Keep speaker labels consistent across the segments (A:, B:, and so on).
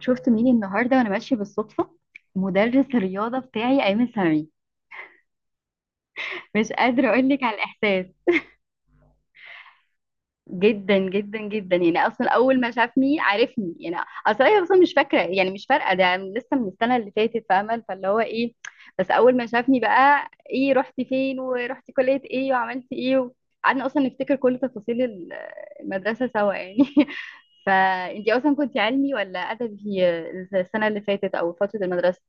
A: شفت مين النهارده وانا ماشيه بالصدفه. مدرس الرياضه بتاعي ايمن سمير. مش قادره اقول لك على الاحساس. جدا جدا جدا، يعني اصلا اول ما شافني عرفني يعني. اصلا هي اصلا مش فاكره، يعني مش فارقه، ده لسه من السنه اللي فاتت، فاهمه؟ فاللي هو ايه، بس اول ما شافني بقى، ايه رحتي فين ورحتي كليه ايه وعملتي ايه؟ قعدنا اصلا نفتكر كل تفاصيل المدرسه سوا يعني فانتي اصلا كنتي علمي ولا ادبي؟ السنه اللي فاتت او فتره المدرسه.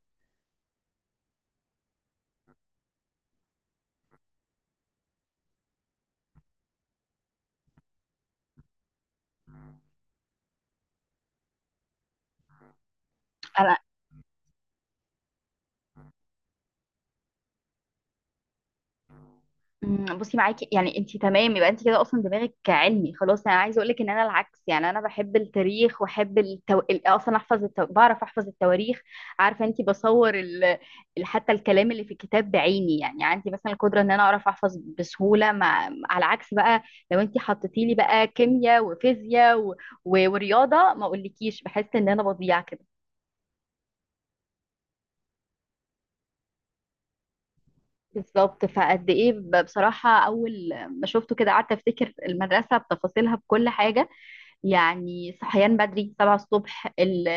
A: بصي، معاكي يعني، انت تمام. يبقى انت كده اصلا دماغك علمي خلاص. انا عايزه اقول لك ان انا العكس يعني، انا بحب التاريخ، واحب اصلا بعرف احفظ التواريخ. عارفه انت، بصور حتى الكلام اللي في الكتاب بعيني، يعني عندي مثلا القدره ان انا اعرف احفظ بسهوله على عكس بقى. لو انت حطيتي لي بقى كيمياء وفيزياء ورياضه، ما اقولكيش، بحس ان انا بضيع كده. بالظبط. فقد ايه بصراحه، اول ما شفته كده، قعدت افتكر المدرسه بتفاصيلها، بكل حاجه. يعني صحيان بدري، 7 الصبح.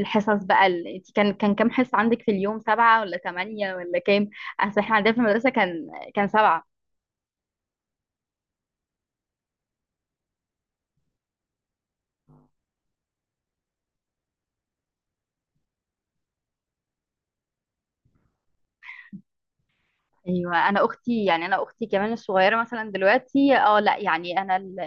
A: الحصص بقى، انت كان كام حصة عندك في اليوم؟ 7 ولا 8 ولا كام؟ أصل احنا عندنا في المدرسة كان، 7. ايوه، انا اختي يعني، انا اختي كمان الصغيره مثلا دلوقتي، اه لا، يعني انا ال-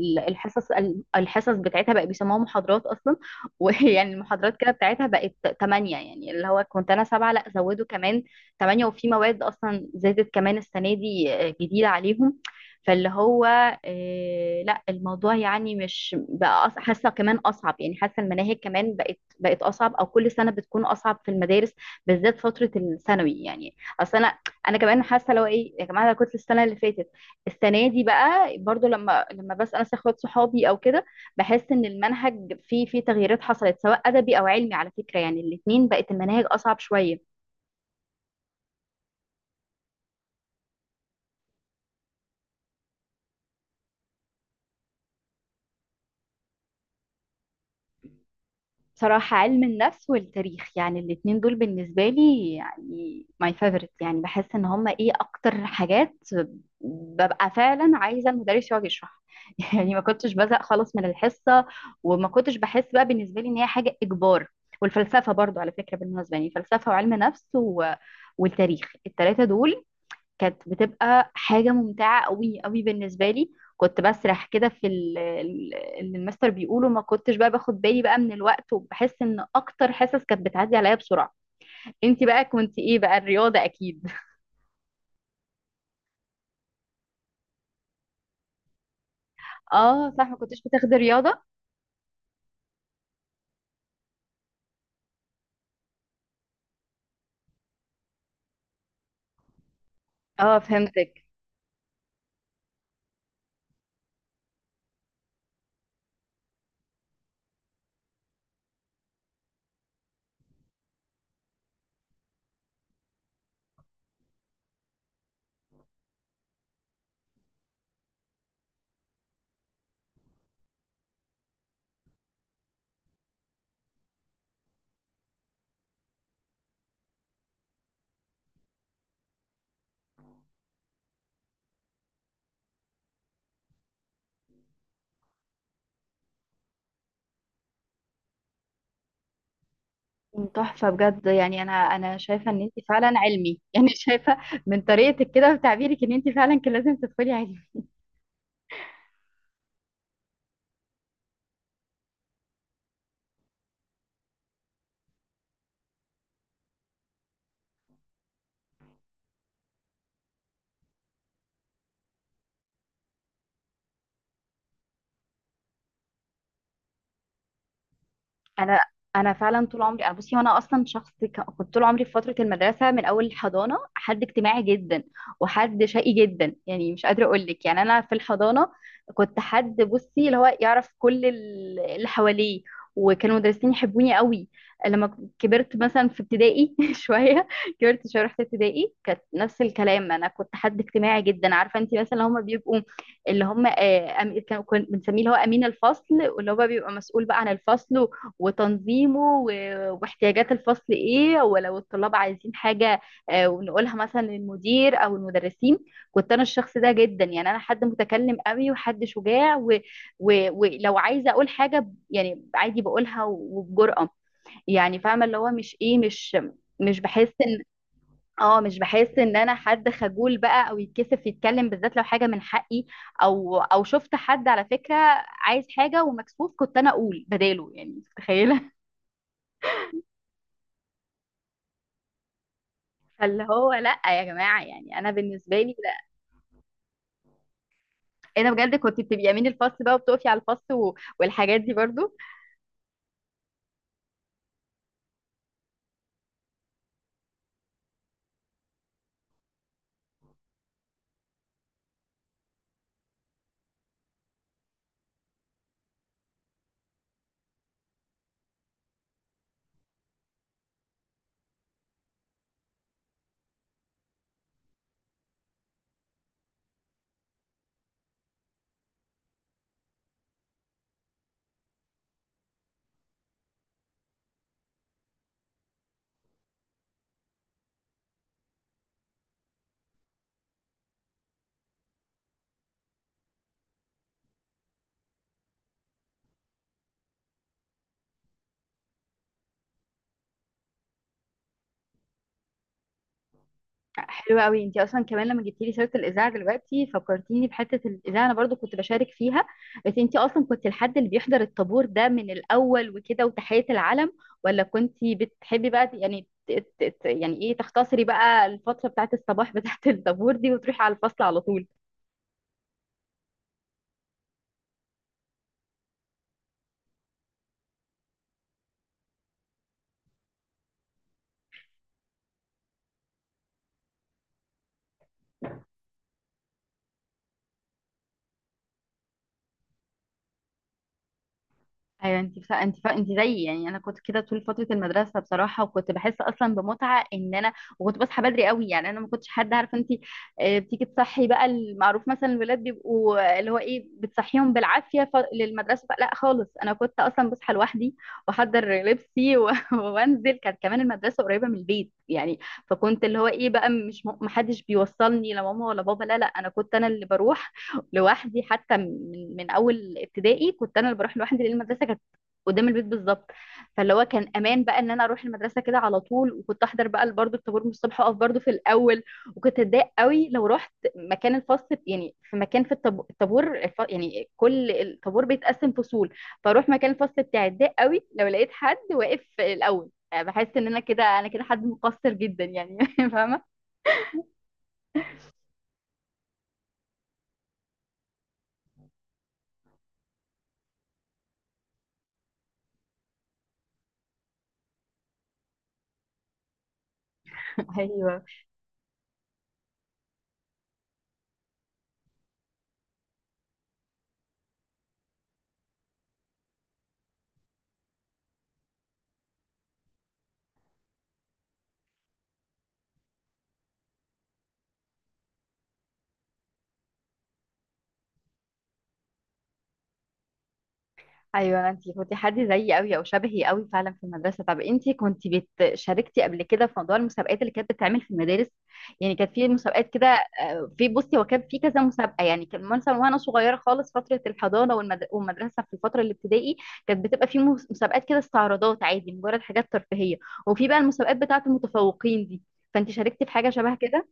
A: ال- الحصص ال- الحصص بتاعتها بقى بيسموها محاضرات اصلا ويعني المحاضرات كده بتاعتها بقت 8، يعني اللي هو كنت انا 7، لا زودوا كمان 8. وفي مواد اصلا زادت كمان السنه دي، جديده عليهم. فاللي هو لا، الموضوع يعني مش بقى حاسه كمان اصعب، يعني حاسه المناهج كمان بقت اصعب، او كل سنه بتكون اصعب في المدارس، بالذات فتره الثانوي يعني. اصل انا، كمان حاسه، لو ايه يا جماعه، انا كنت السنه اللي فاتت، السنه دي بقى برضو، لما بسال ناس، اخوات صحابي او كده، بحس ان المنهج فيه تغييرات حصلت، سواء ادبي او علمي على فكره، يعني الاتنين بقت المناهج اصعب شويه. بصراحة علم النفس والتاريخ، يعني الاتنين دول بالنسبة لي يعني my favorite، يعني بحس ان هما ايه اكتر حاجات ببقى فعلا عايزة المدرس يقعد يشرح يعني ما كنتش بزهق خالص من الحصة، وما كنتش بحس بقى بالنسبة لي ان هي حاجة اجبار. والفلسفة برضو على فكرة، بالمناسبة، يعني فلسفة وعلم نفس والتاريخ، التلاتة دول كانت بتبقى حاجة ممتعة قوي قوي بالنسبة لي. كنت بسرح كده في اللي المستر بيقوله، ما كنتش بقى باخد بالي بقى من الوقت، وبحس ان اكتر حصص كانت بتعدي عليا بسرعة. انتي بقى كنتي ايه بقى؟ الرياضة اكيد. اه صح، ما كنتش بتاخدي رياضة. اه فهمتك. تحفة بجد، يعني انا شايفة ان انتي فعلا علمي يعني شايفة من طريقتك كده وتعبيرك ان انتي فعلا كان لازم تدخلي علم. انا انا فعلا طول عمري، انا بصي، وانا اصلا شخص، كنت طول عمري في فتره المدرسه من اول الحضانه حد اجتماعي جدا، وحد شقي جدا، يعني مش قادره اقول لك، يعني انا في الحضانه كنت حد، بصي، اللي هو يعرف كل اللي حواليه، وكانوا المدرسين يحبوني قوي. لما كبرت مثلا في ابتدائي شويه، كبرت شويه رحت ابتدائي، كانت نفس الكلام، انا كنت حد اجتماعي جدا. عارفه انت، مثلا اللي هم بيبقوا، اللي هم كنا بنسميه اللي هو امين الفصل، واللي هو بيبقى مسؤول بقى عن الفصل وتنظيمه واحتياجات الفصل ايه، ولو الطلاب عايزين حاجة، ونقولها مثلا للمدير او المدرسين. كنت انا الشخص ده جدا، يعني انا حد متكلم قوي وحد شجاع ولو عايزة اقول حاجة يعني، عادي بقولها وبجرأة. يعني فاهمة، اللي هو مش ايه، مش بحس ان، اه مش بحس ان انا حد خجول بقى، او يتكسف يتكلم، بالذات لو حاجه من حقي، او شفت حد على فكره عايز حاجه ومكسوف، كنت انا اقول بداله، يعني متخيله. فاللي هو لا يا جماعه، يعني انا بالنسبه لي لا. انا بجد كنت بتبقي امين الفصل بقى، وبتقفي على الفصل والحاجات دي برضو. حلوه قوي. انت اصلا كمان لما جبتي لي سيره الاذاعه دلوقتي، فكرتيني بحته الاذاعه. انا برضو كنت بشارك فيها، بس انت اصلا كنت الحد اللي بيحضر الطابور ده من الاول وكده وتحيه العلم، ولا كنت بتحبي بقى، يعني يعني ايه، تختصري بقى الفتره بتاعت الصباح، بتاعت الطابور دي، وتروحي على الفصل على طول؟ ايوه، انت زيي، يعني انا كنت كده طول فتره المدرسه بصراحه، وكنت بحس اصلا بمتعه ان انا. وكنت بصحى بدري قوي، يعني انا ما كنتش حد، عارفه انت، بتيجي تصحي بقى. المعروف مثلا الولاد بيبقوا، اللي هو ايه، بتصحيهم بالعافيه للمدرسه بقى. لا خالص، انا كنت اصلا بصحى لوحدي، واحضر لبسي وانزل. كانت كمان المدرسه قريبه من البيت يعني، فكنت اللي هو ايه بقى، مش محدش بيوصلني، لا ماما ولا بابا. لا لا، انا كنت انا اللي بروح لوحدي، حتى من اول ابتدائي كنت انا اللي بروح لوحدي، لان المدرسه كانت قدام البيت بالظبط. فاللي هو كان امان بقى ان انا اروح المدرسه كده على طول. وكنت احضر بقى برضه الطابور من الصبح، واقف برضه في الاول. وكنت اتضايق قوي لو رحت مكان الفصل، يعني في مكان، في الطابور يعني، كل الطابور بيتقسم فصول، فاروح مكان الفصل بتاعي. اتضايق قوي لو لقيت حد واقف الاول، بحس ان انا كده، حد مقصر جدا يعني فاهمه؟ ايوه ايوه، انتي كنتي حد زيي قوي او شبهي قوي فعلا في المدرسه. طب انتي كنتي شاركتي قبل كده في موضوع المسابقات اللي كانت بتتعمل في المدارس؟ يعني كانت في مسابقات كده. في، بصي، هو كان في كذا مسابقه يعني. كان مثلا وانا صغيره خالص فتره الحضانه والمدرسه في الفتره الابتدائي، كانت بتبقى في مسابقات كده، استعراضات، عادي، مجرد حاجات ترفيهيه. وفي بقى المسابقات بتاعه المتفوقين دي. فانتي شاركتي في حاجه شبه كده.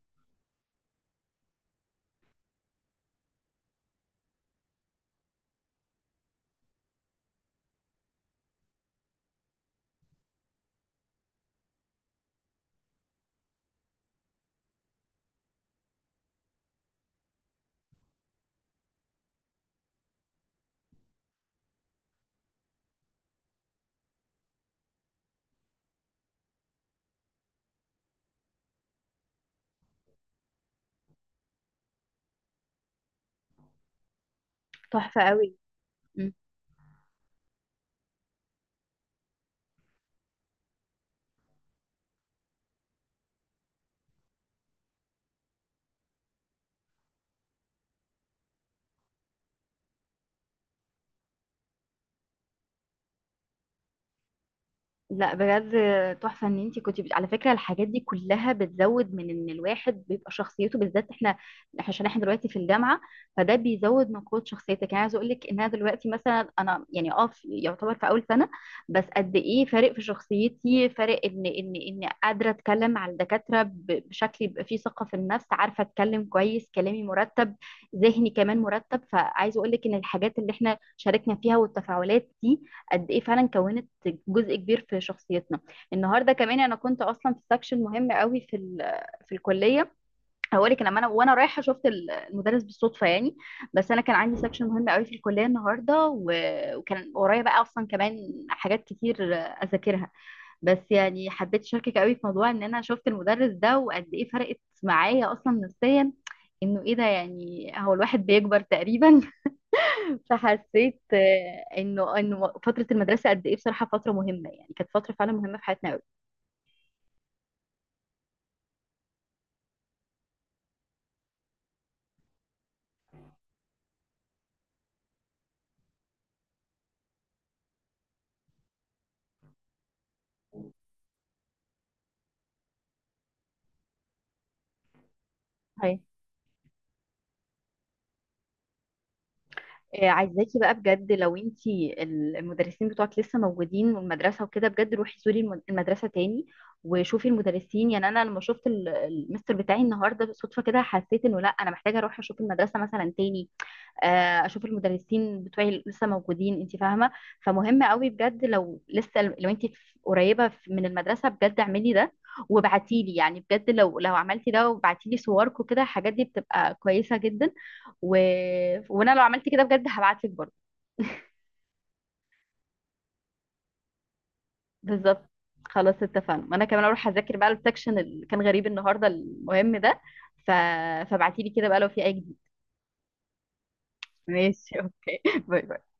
A: تحفه قوي. لا بجد، تحفة ان انتي كنتي بت... على فكرة الحاجات دي كلها بتزود من ان الواحد بيبقى شخصيته، بالذات احنا، عشان احنا دلوقتي في الجامعة، فده بيزود من قوة شخصيتك. يعني عايزة اقول لك ان انا دلوقتي مثلا، انا يعني اه في، يعتبر في اول سنة بس قد ايه فارق في شخصيتي. فارق ان قادرة اتكلم على الدكاترة بشكل يبقى فيه ثقة في النفس، عارفة اتكلم كويس، كلامي مرتب، ذهني كمان مرتب. فعايزة اقول لك ان الحاجات اللي احنا شاركنا فيها والتفاعلات دي، قد ايه فعلا كونت جزء كبير في شخصيتنا. النهارده كمان، انا كنت اصلا في سكشن مهم قوي في في الكليه. هقولك، لما انا وانا رايحه، شفت المدرس بالصدفه يعني. بس انا كان عندي سكشن مهم قوي في الكليه النهارده، وكان ورايا بقى اصلا كمان حاجات كتير اذاكرها. بس يعني حبيت اشاركك قوي في موضوع ان انا شفت المدرس ده، وقد ايه فرقت معايا اصلا نفسيا. انه ايه ده، يعني هو الواحد بيكبر تقريبا. فحسيت انه فتره المدرسه قد ايه بصراحه فتره مهمه، يعني كانت فتره فعلا مهمه في حياتنا قوي. هاي. عايزاكي بقى بجد، لو انتي المدرسين بتوعك لسه موجودين والمدرسة وكده، بجد روحي زوري المدرسة تاني وشوفي المدرسين، يعني انا لما شفت المستر بتاعي النهارده صدفة كده، حسيت انه لا، انا محتاجة اروح اشوف المدرسة مثلا تاني، اشوف المدرسين بتوعي اللي لسه موجودين. انت فاهمه؟ فمهم قوي بجد لو انت قريبه من المدرسه، بجد اعملي ده، وابعتي لي. يعني بجد لو عملتي ده وبعتي لي صورك وكده، الحاجات دي بتبقى كويسه جدا. و... وانا لو عملت كده بجد هبعت لك برضه بالظبط. خلاص اتفقنا، وانا كمان اروح اذاكر بقى السكشن اللي كان غريب النهارده، المهم ده. ف... فابعتي لي كده بقى لو في اي جديد. ماشي اوكي باي باي.